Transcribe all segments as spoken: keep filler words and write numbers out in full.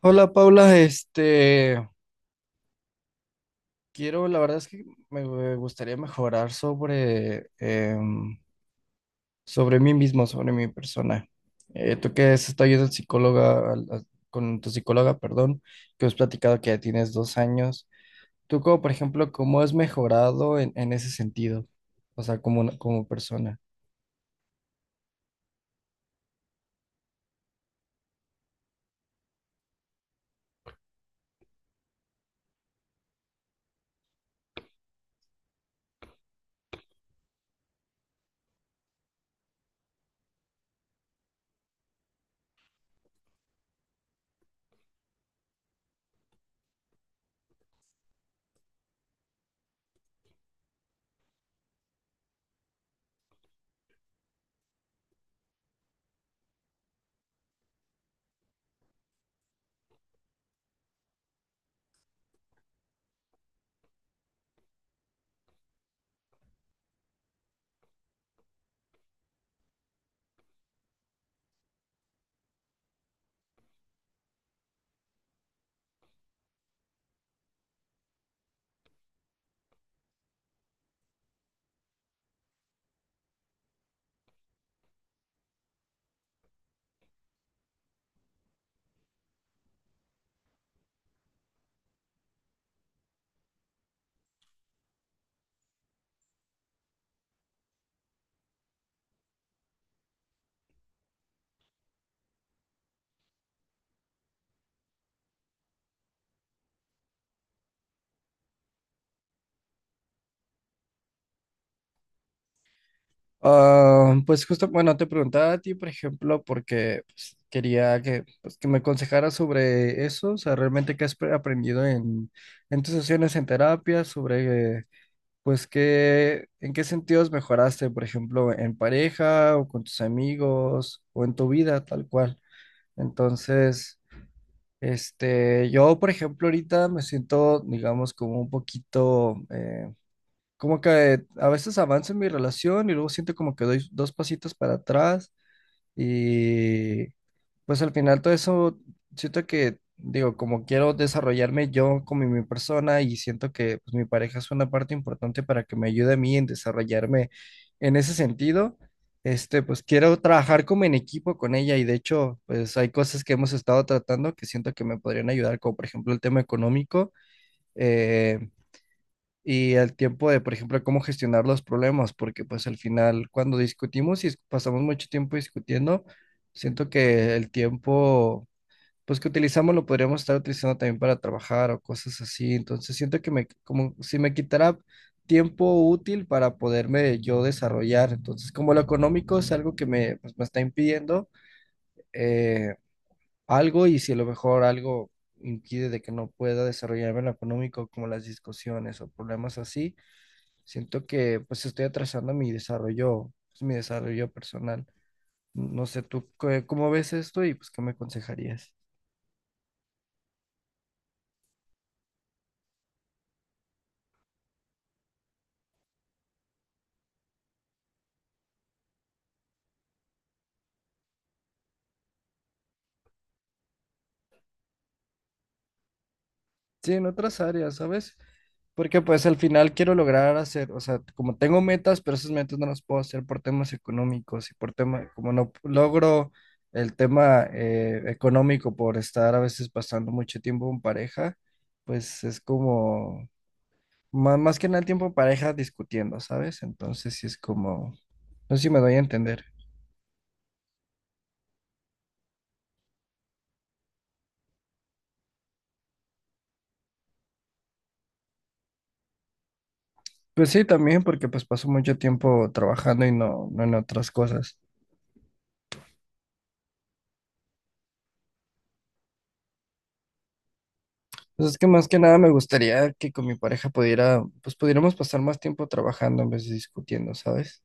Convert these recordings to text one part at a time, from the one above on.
Hola Paula, este, quiero, la verdad es que me me gustaría mejorar sobre, em, sobre mí mismo, sobre mi persona. Eh, tú que has estado yendo al psicóloga, al- al- con tu psicóloga, perdón, que has platicado que ya tienes dos años. Tú como, por ejemplo, ¿cómo has mejorado en, en ese sentido? O sea, como, una- como persona. Ah, pues justo, bueno, te preguntaba a ti, por ejemplo, porque pues, quería que, pues, que me aconsejaras sobre eso, o sea, realmente qué has pre- aprendido en, en tus sesiones en terapia, sobre, eh, pues, qué, en qué sentidos mejoraste, por ejemplo, en pareja o con tus amigos o en tu vida, tal cual. Entonces, este, yo, por ejemplo, ahorita me siento, digamos, como un poquito, eh, como que a veces avanzo en mi relación y luego siento como que doy dos pasitos para atrás y pues al final todo eso siento que, digo, como quiero desarrollarme yo como mi persona y siento que pues, mi pareja es una parte importante para que me ayude a mí en desarrollarme en ese sentido. Este, pues quiero trabajar como en equipo con ella y de hecho pues hay cosas que hemos estado tratando que siento que me podrían ayudar, como por ejemplo el tema económico. Eh, y al tiempo de, por ejemplo, cómo gestionar los problemas, porque pues al final cuando discutimos y es- pasamos mucho tiempo discutiendo, siento que el tiempo pues que utilizamos lo podríamos estar utilizando también para trabajar o cosas así, entonces siento que me como si me quitara tiempo útil para poderme yo desarrollar, entonces como lo económico es algo que me, pues, me está impidiendo eh, algo y si a lo mejor algo impide de que no pueda desarrollarme en lo económico, como las discusiones o problemas así, siento que pues estoy atrasando mi desarrollo, pues, mi desarrollo personal. No sé tú qué- cómo ves esto y pues qué me aconsejarías. Sí, en otras áreas, ¿sabes? Porque pues al final quiero lograr hacer, o sea, como tengo metas, pero esas metas no las puedo hacer por temas económicos y por tema, como no logro el tema eh, económico por estar a veces pasando mucho tiempo en pareja, pues es como, más, más que nada el tiempo en pareja discutiendo, ¿sabes? Entonces sí es como, no sé si me doy a entender. Pues sí, también porque pues paso mucho tiempo trabajando y no, no en otras cosas. Pues es que más que nada me gustaría que con mi pareja pudiera, pues pudiéramos pasar más tiempo trabajando en vez de discutiendo, ¿sabes?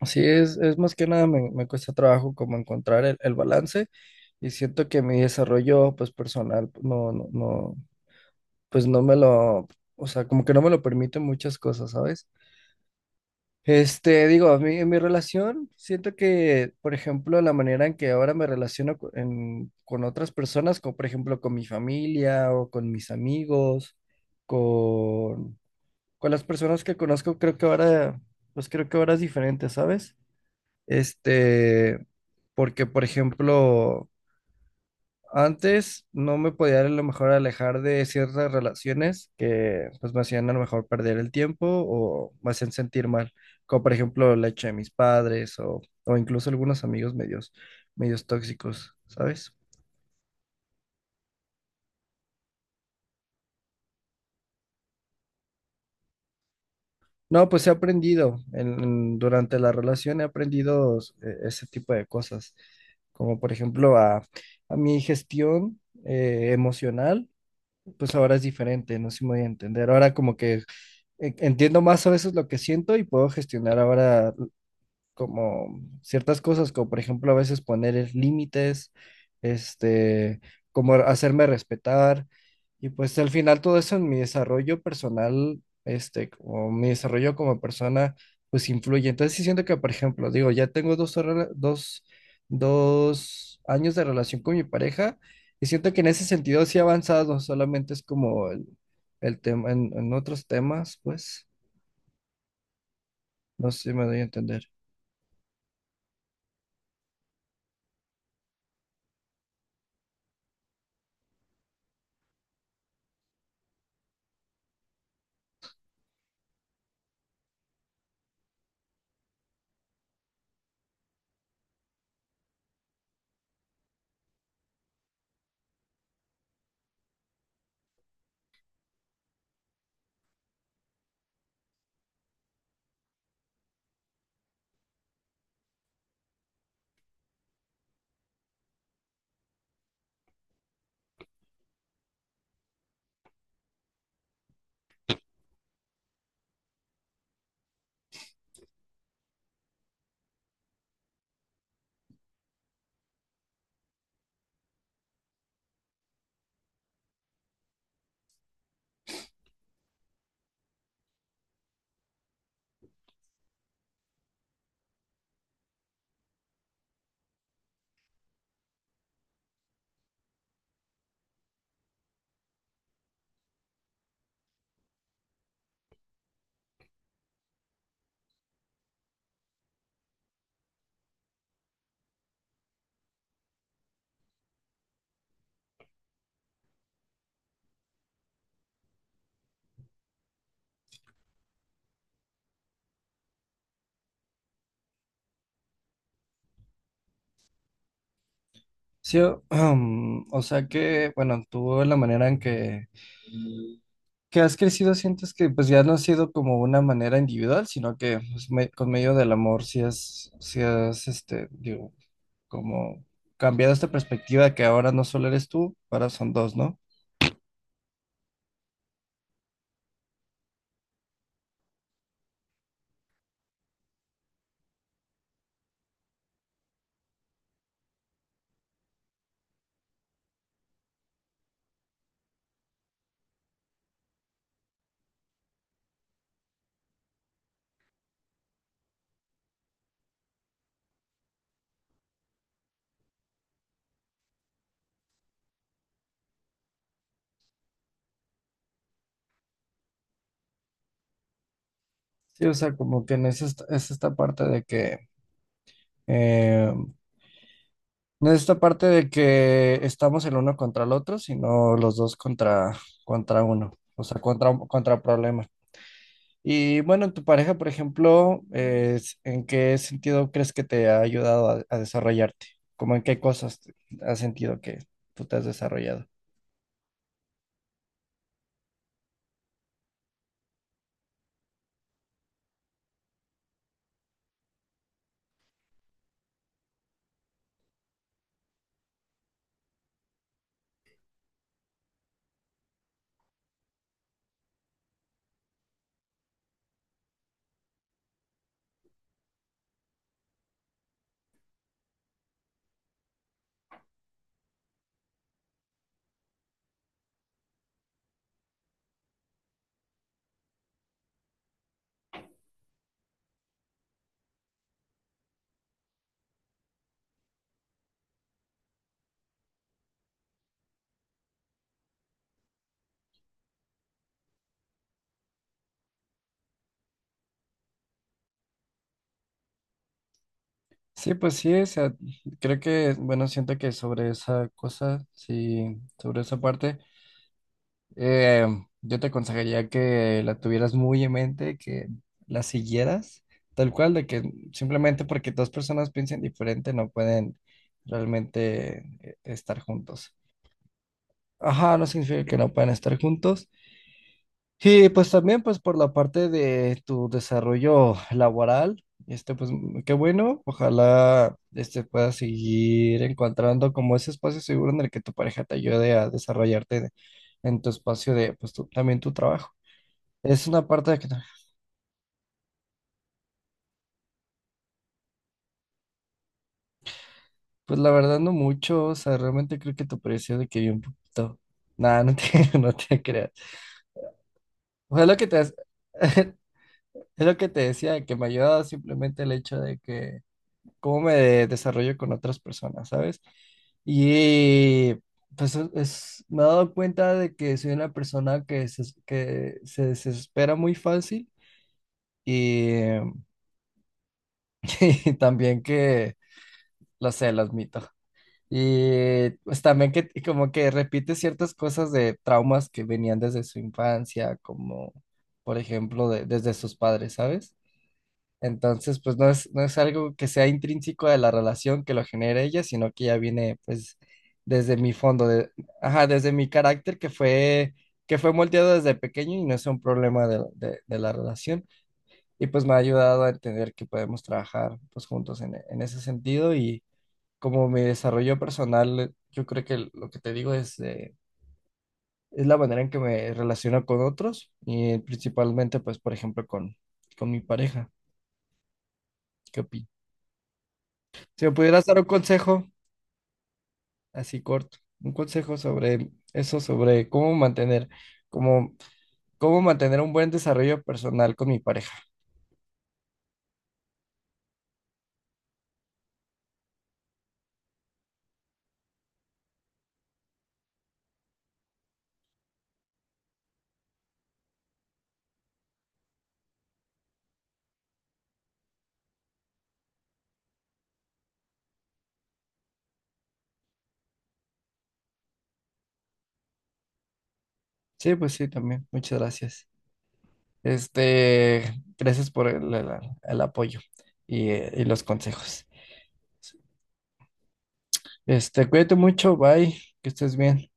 Así es, es más que nada me, me cuesta trabajo como encontrar el, el balance y siento que mi desarrollo pues personal no, no, no, pues no me lo, o sea, como que no me lo permiten muchas cosas, ¿sabes? Este, digo, a mí en mi relación, siento que, por ejemplo, la manera en que ahora me relaciono co- en- con otras personas, como por ejemplo con mi familia o con mis amigos, con, con las personas que conozco, creo que ahora, pues creo que ahora es diferente, ¿sabes? Este, Porque, por ejemplo, antes no me podía a lo mejor alejar de ciertas relaciones que pues me hacían a lo mejor perder el tiempo o me hacían sentir mal, como por ejemplo la hecha de mis padres o, o incluso algunos amigos medios, medios tóxicos, ¿sabes? No, pues he aprendido en, en- durante la relación he aprendido eh, ese tipo de cosas, como por ejemplo a, a mi gestión eh, emocional, pues ahora es diferente, no sé si me voy a entender, ahora como que e- entiendo más a veces lo que siento y puedo gestionar ahora como ciertas cosas, como por ejemplo a veces poner límites, este, como hacerme respetar. Y pues al final todo eso en mi desarrollo personal, este, o mi desarrollo como persona, pues influye. Entonces sí siento que, por ejemplo, digo, ya tengo dos, rela- dos, dos años de relación con mi pareja y siento que en ese sentido sí he avanzado, solamente es como el, el tema, en, en otros temas, pues. No sé si me doy a entender. Sí, o, o sea que, bueno, tú la manera en que, que has crecido sientes que pues ya no ha sido como una manera individual, sino que pues, me- con medio del amor sí has, sí has, este, digo, como cambiado esta perspectiva que ahora no solo eres tú, ahora son dos, ¿no? Sí, o sea, como que en esa est- es esta parte de que, eh, no es esta parte de que estamos el uno contra el otro, sino los dos contra, contra uno, o sea, contra, contra problemas. Y bueno, tu pareja, por ejemplo, es- ¿en qué sentido crees que te ha ayudado a, a desarrollarte? ¿Cómo en qué cosas te- has sentido que tú te has desarrollado? Sí, pues sí, o sea, creo que, bueno, siento que sobre esa cosa, sí, sobre esa parte, eh, yo te aconsejaría que la tuvieras muy en mente, que la siguieras, tal cual, de que simplemente porque dos personas piensen diferente no pueden realmente eh, estar juntos. Ajá, no significa que no puedan estar juntos. Y pues también pues por la parte de tu desarrollo laboral, este pues m- qué bueno, ojalá este puedas seguir encontrando como ese espacio seguro en el que tu pareja te ayude a desarrollarte de- en tu espacio de pues tu- también tu trabajo. Es una parte de que no- pues la verdad no mucho, o sea, realmente creo que tu pareció de que vi un poquito. Nada, no te, no te creas. Fue lo que te, es lo que te decía, que me ayuda simplemente el hecho de que cómo me de- desarrollo con otras personas, ¿sabes? Y pues es, es- me he dado cuenta de que soy una persona que se, que se desespera muy fácil y, y también que, lo sé, lo admito. Y pues también que y como que repite ciertas cosas de traumas que venían desde su infancia, como por ejemplo de- desde sus padres, ¿sabes? Entonces, pues no es, no es algo que sea intrínseco de la relación que lo genere ella, sino que ya viene pues desde mi fondo, de, ajá, desde mi carácter que fue, que fue moldeado desde pequeño y no es un problema de, de- de la relación. Y pues me ha ayudado a entender que podemos trabajar pues juntos en, en ese sentido y como mi desarrollo personal, yo creo que lo que te digo es, eh, es la manera en que me relaciono con otros y principalmente pues por ejemplo con, con mi pareja. ¿Qué opinas? Si me pudieras dar un consejo, así corto, un consejo sobre eso, sobre cómo mantener, cómo, cómo mantener un buen desarrollo personal con mi pareja. Sí, pues sí, también. Muchas gracias. Este, Gracias por el, el- el apoyo y, eh, y los consejos. Este, cuídate mucho, bye, que estés bien.